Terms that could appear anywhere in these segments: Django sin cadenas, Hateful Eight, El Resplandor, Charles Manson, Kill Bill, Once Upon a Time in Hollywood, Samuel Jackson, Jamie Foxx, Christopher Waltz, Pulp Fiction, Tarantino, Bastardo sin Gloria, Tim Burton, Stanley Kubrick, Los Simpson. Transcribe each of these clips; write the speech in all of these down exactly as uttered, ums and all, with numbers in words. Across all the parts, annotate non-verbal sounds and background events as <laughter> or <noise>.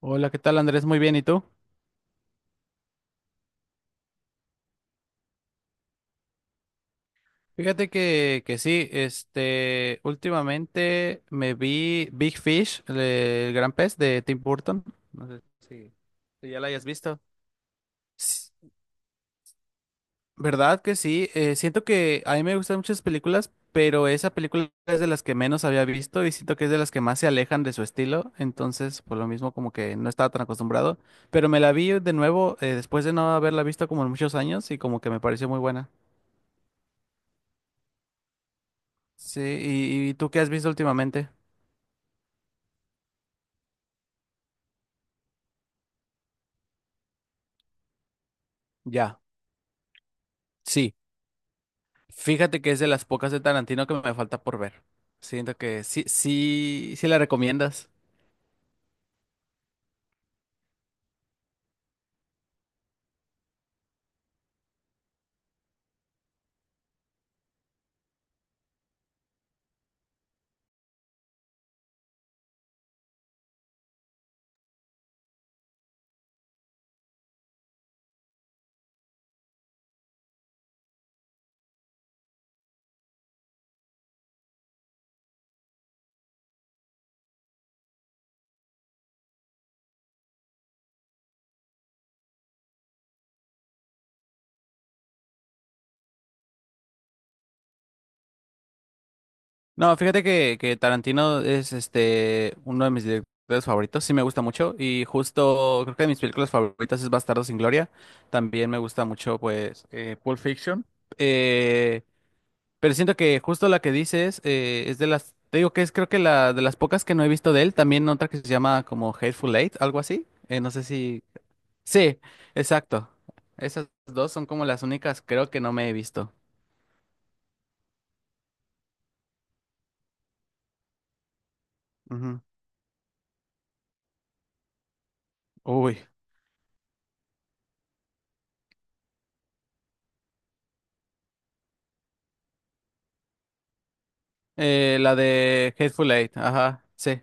Hola, ¿qué tal Andrés? Muy bien, ¿y tú? Fíjate que, que sí, este, últimamente me vi Big Fish, el, el gran pez de Tim Burton. No sé si, si ya la hayas visto. S- ¿Verdad que sí? Eh, siento que a mí me gustan muchas películas, pero esa película es de las que menos había visto y siento que es de las que más se alejan de su estilo. Entonces, por lo mismo, como que no estaba tan acostumbrado. Pero me la vi de nuevo, eh, después de no haberla visto como en muchos años y como que me pareció muy buena. Sí, ¿y, y tú qué has visto últimamente? Ya, sí. Fíjate que es de las pocas de Tarantino que me falta por ver. Siento que sí, sí, sí la recomiendas. No, fíjate que, que Tarantino es este uno de mis directores favoritos, sí me gusta mucho. Y justo creo que de mis películas favoritas es Bastardo sin Gloria. También me gusta mucho, pues, eh, Pulp Fiction. Eh, Pero siento que justo la que dices eh, es de las, te digo que es creo que la de las pocas que no he visto de él, también otra que se llama como Hateful Eight, algo así. Eh, no sé si... Sí, exacto. Esas dos son como las únicas creo que no me he visto. Ujú. Uy. Eh, la de Hateful Eight, ajá, sí.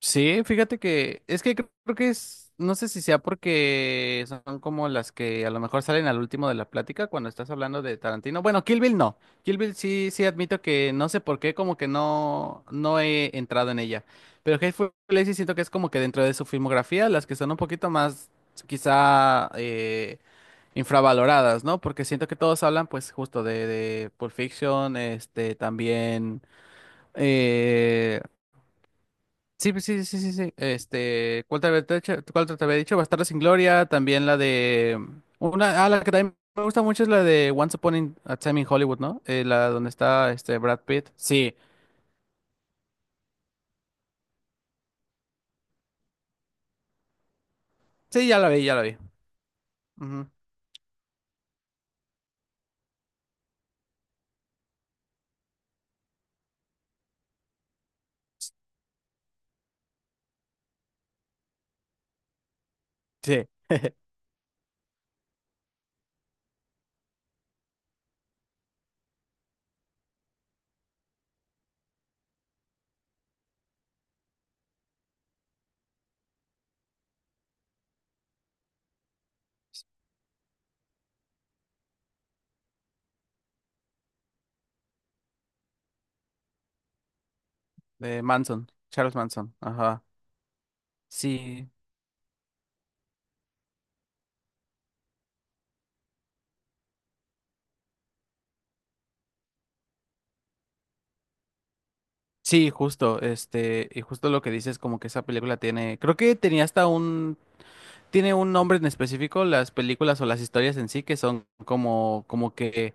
Sí, fíjate que es que creo creo que es, no sé si sea porque son como las que a lo mejor salen al último de la plática cuando estás hablando de Tarantino. Bueno, Kill Bill no. Kill Bill sí, sí admito que no sé por qué, como que no, no he entrado en ella. Pero Hateful Eight sí siento que es como que dentro de su filmografía, las que son un poquito más quizá eh, infravaloradas, ¿no? Porque siento que todos hablan pues justo de, de Pulp Fiction, este, también... eh, Sí, pues sí, sí, sí, sí. Este, ¿cuál te había dicho? ¿Cuál te había dicho? Bastardos sin Gloria, también la de una, ah, la que también me gusta mucho es la de Once Upon in- a Time in Hollywood, ¿no? Eh, la donde está este Brad Pitt. Sí, sí, ya la vi, ya la vi. Ujú. Sí, de Manson, Charles Manson, ajá. Sí, sí, justo, este, y justo lo que dices, como que esa película tiene, creo que tenía hasta un, tiene un nombre en específico, las películas o las historias en sí, que son como, como que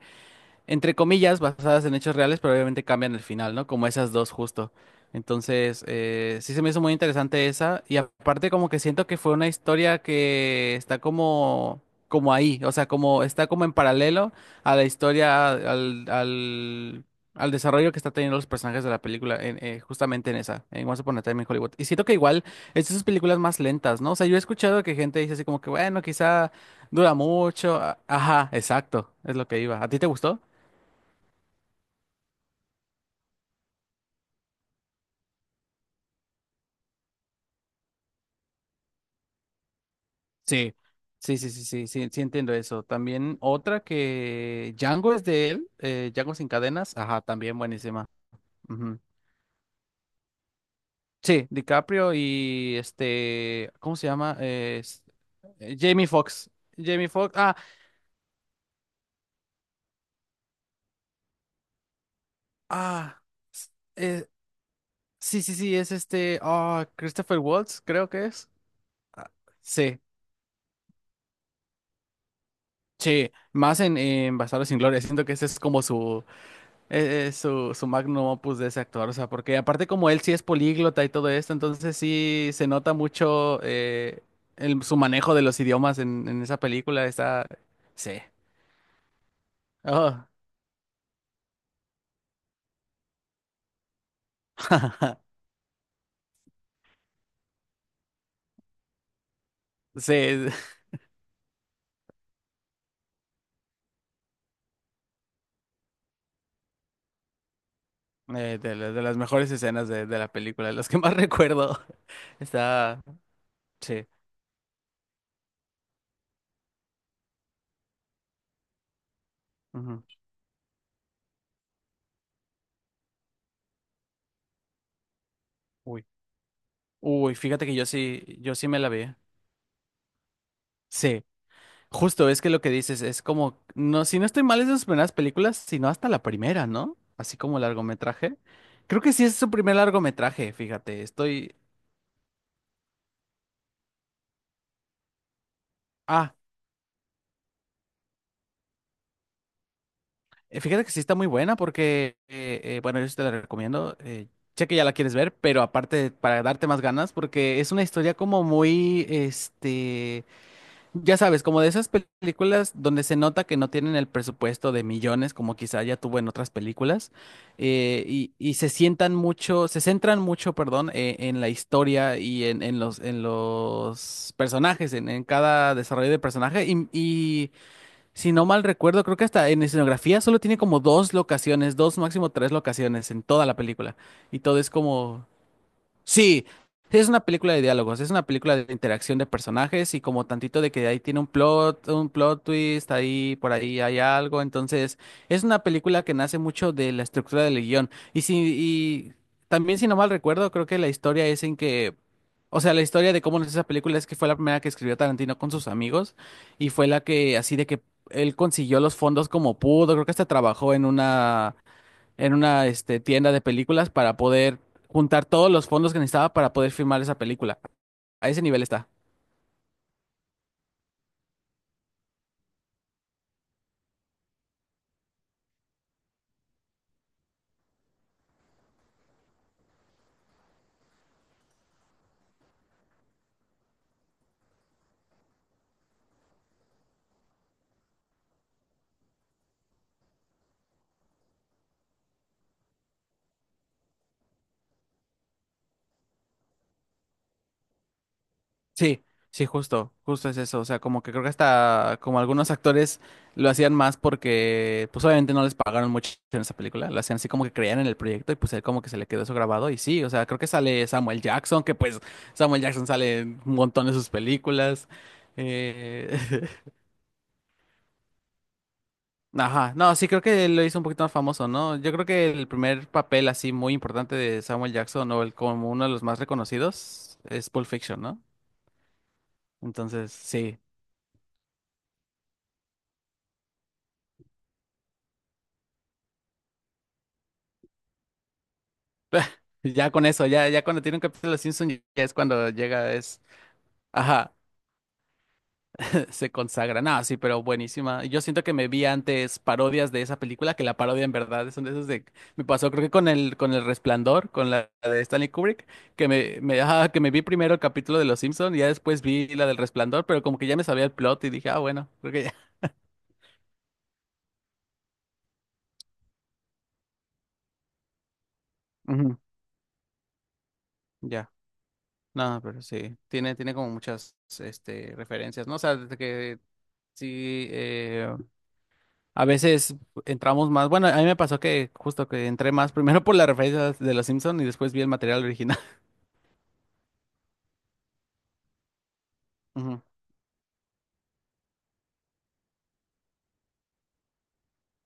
entre comillas, basadas en hechos reales, pero obviamente cambian el final, ¿no? Como esas dos justo. Entonces, eh, sí se me hizo muy interesante esa. Y aparte como que siento que fue una historia que está como, como ahí, o sea, como está como en paralelo a la historia, al, al, al desarrollo que está teniendo los personajes de la película, en, eh, justamente en esa, en Once Upon a Time in Hollywood. Y siento que igual es de esas películas más lentas, ¿no? O sea, yo he escuchado que gente dice así como que, bueno, quizá dura mucho. a- Ajá, exacto, es lo que iba. ¿A ti te gustó? Sí, sí, sí, sí, sí, sí, sí entiendo eso. También otra que Django es de él, eh, Django sin cadenas, ajá, también buenísima. Ujú. Sí, DiCaprio y este, ¿cómo se llama? Eh, es- eh, Jamie Foxx. Jamie Foxx, ah, ah, s- eh, sí, sí, sí, es este, ah, Christopher Waltz, creo que es. Sí, sí, más en, en Bastardos sin Gloria, siento que ese es como su Es, es su, su magnum opus de ese actor, o sea, porque aparte como él sí es políglota y todo esto, entonces sí se nota mucho eh, el- su manejo de los idiomas en, en esa película, está... Sí. Oh, <laughs> sí, es- eh, de, la- de las mejores escenas de, de la película, las que más <laughs> recuerdo. Está... Sí. Ujú. Uy. Uy, fíjate que yo sí, yo sí me la vi. Sí. Justo, es que lo que dices es como, no, si no estoy mal, es de sus primeras películas, sino hasta la primera, ¿no? Así como largometraje. Creo que sí es su primer largometraje, fíjate, estoy... Ah, eh, fíjate que sí está muy buena porque, eh, eh, bueno, yo sí te la recomiendo, eh, sé que ya la quieres ver, pero aparte para darte más ganas, porque es una historia como muy, este... Ya sabes, como de esas películas donde se nota que no tienen el presupuesto de millones, como quizá ya tuvo en otras películas, eh, y, y se sientan mucho, se centran mucho, perdón, eh, en la historia y en, en los, en los personajes, en, en cada desarrollo de personaje. Y, y si no mal recuerdo, creo que hasta en escenografía solo tiene como dos locaciones, dos, máximo tres locaciones en toda la película. Y todo es como Sí, es una película de diálogos, es una película de interacción de personajes y como tantito de que ahí tiene un plot, un plot twist, ahí por ahí hay algo, entonces es una película que nace mucho de la estructura del guión. Y si, y también si no mal recuerdo, creo que la historia es en que, o sea, la historia de cómo nace esa película es que fue la primera que escribió Tarantino con sus amigos y fue la que así de que él consiguió los fondos como pudo, creo que hasta trabajó en una en una este, tienda de películas para poder juntar todos los fondos que necesitaba para poder filmar esa película. A ese nivel está. Sí, sí, justo, justo es eso. O sea, como que creo que hasta como algunos actores lo hacían más porque, pues obviamente no les pagaron mucho en esa película. Lo hacían así como que creían en el proyecto y pues él como que se le quedó eso grabado. Y sí, o sea, creo que sale Samuel Jackson, que pues Samuel Jackson sale en un montón de sus películas. Eh, <laughs> Ajá, no, sí creo que lo hizo un poquito más famoso, ¿no? Yo creo que el primer papel así muy importante de Samuel Jackson o el como uno de los más reconocidos es Pulp Fiction, ¿no? Entonces, sí, ya con eso, ya, ya cuando tiene un capítulo de Simpson ya es cuando llega, es, ajá, se consagra. Nada, sí, pero buenísima. Yo siento que me vi antes parodias de esa película, que la parodia en verdad son de esos de... Me pasó creo que con el, con el Resplandor, con la, de Stanley Kubrick, que me, me, ajá, que me vi primero el capítulo de Los Simpson y ya después vi la del Resplandor, pero como que ya me sabía el plot y dije, ah, bueno, creo que ya. Ujú, ya. No, pero sí, tiene, tiene como muchas, este, referencias, ¿no? O sea, desde que sí, eh, A veces entramos más. Bueno, a mí me pasó que justo que entré más primero por las referencias de Los Simpson y después vi el material original. <laughs> Ujú.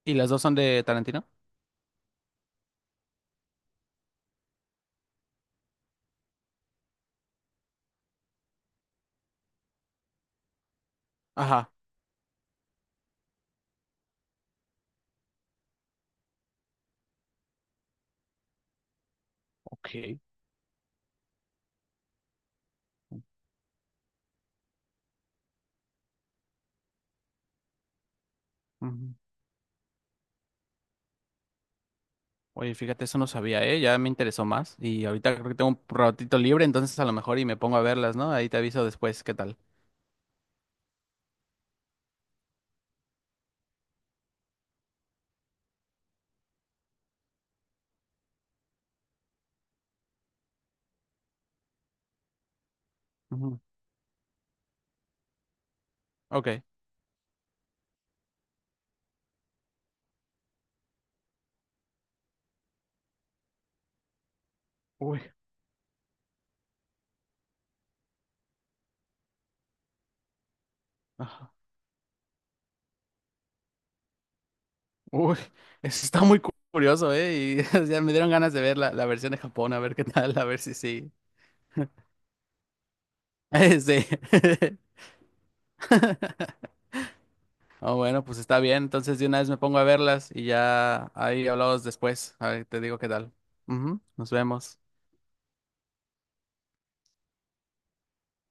¿Y las dos son de Tarantino? Ajá. Ok. Ujú. Oye, fíjate, eso no sabía, ¿eh? Ya me interesó más. Y ahorita creo que tengo un ratito libre, entonces a lo mejor y me pongo a verlas, ¿no? Ahí te aviso después qué tal. Ujú. Ok. Uy. Ajá. Uy. <laughs> Eso está muy cu- curioso, ¿eh? Y <laughs> ya me dieron ganas de ver la, la versión de Japón, a ver qué tal, a ver si sí. <laughs> Sí. <laughs> Ah, bueno, pues está bien. Entonces de una vez me pongo a verlas y ya ahí hablamos después. A ver, te digo qué tal. Ujú, nos vemos.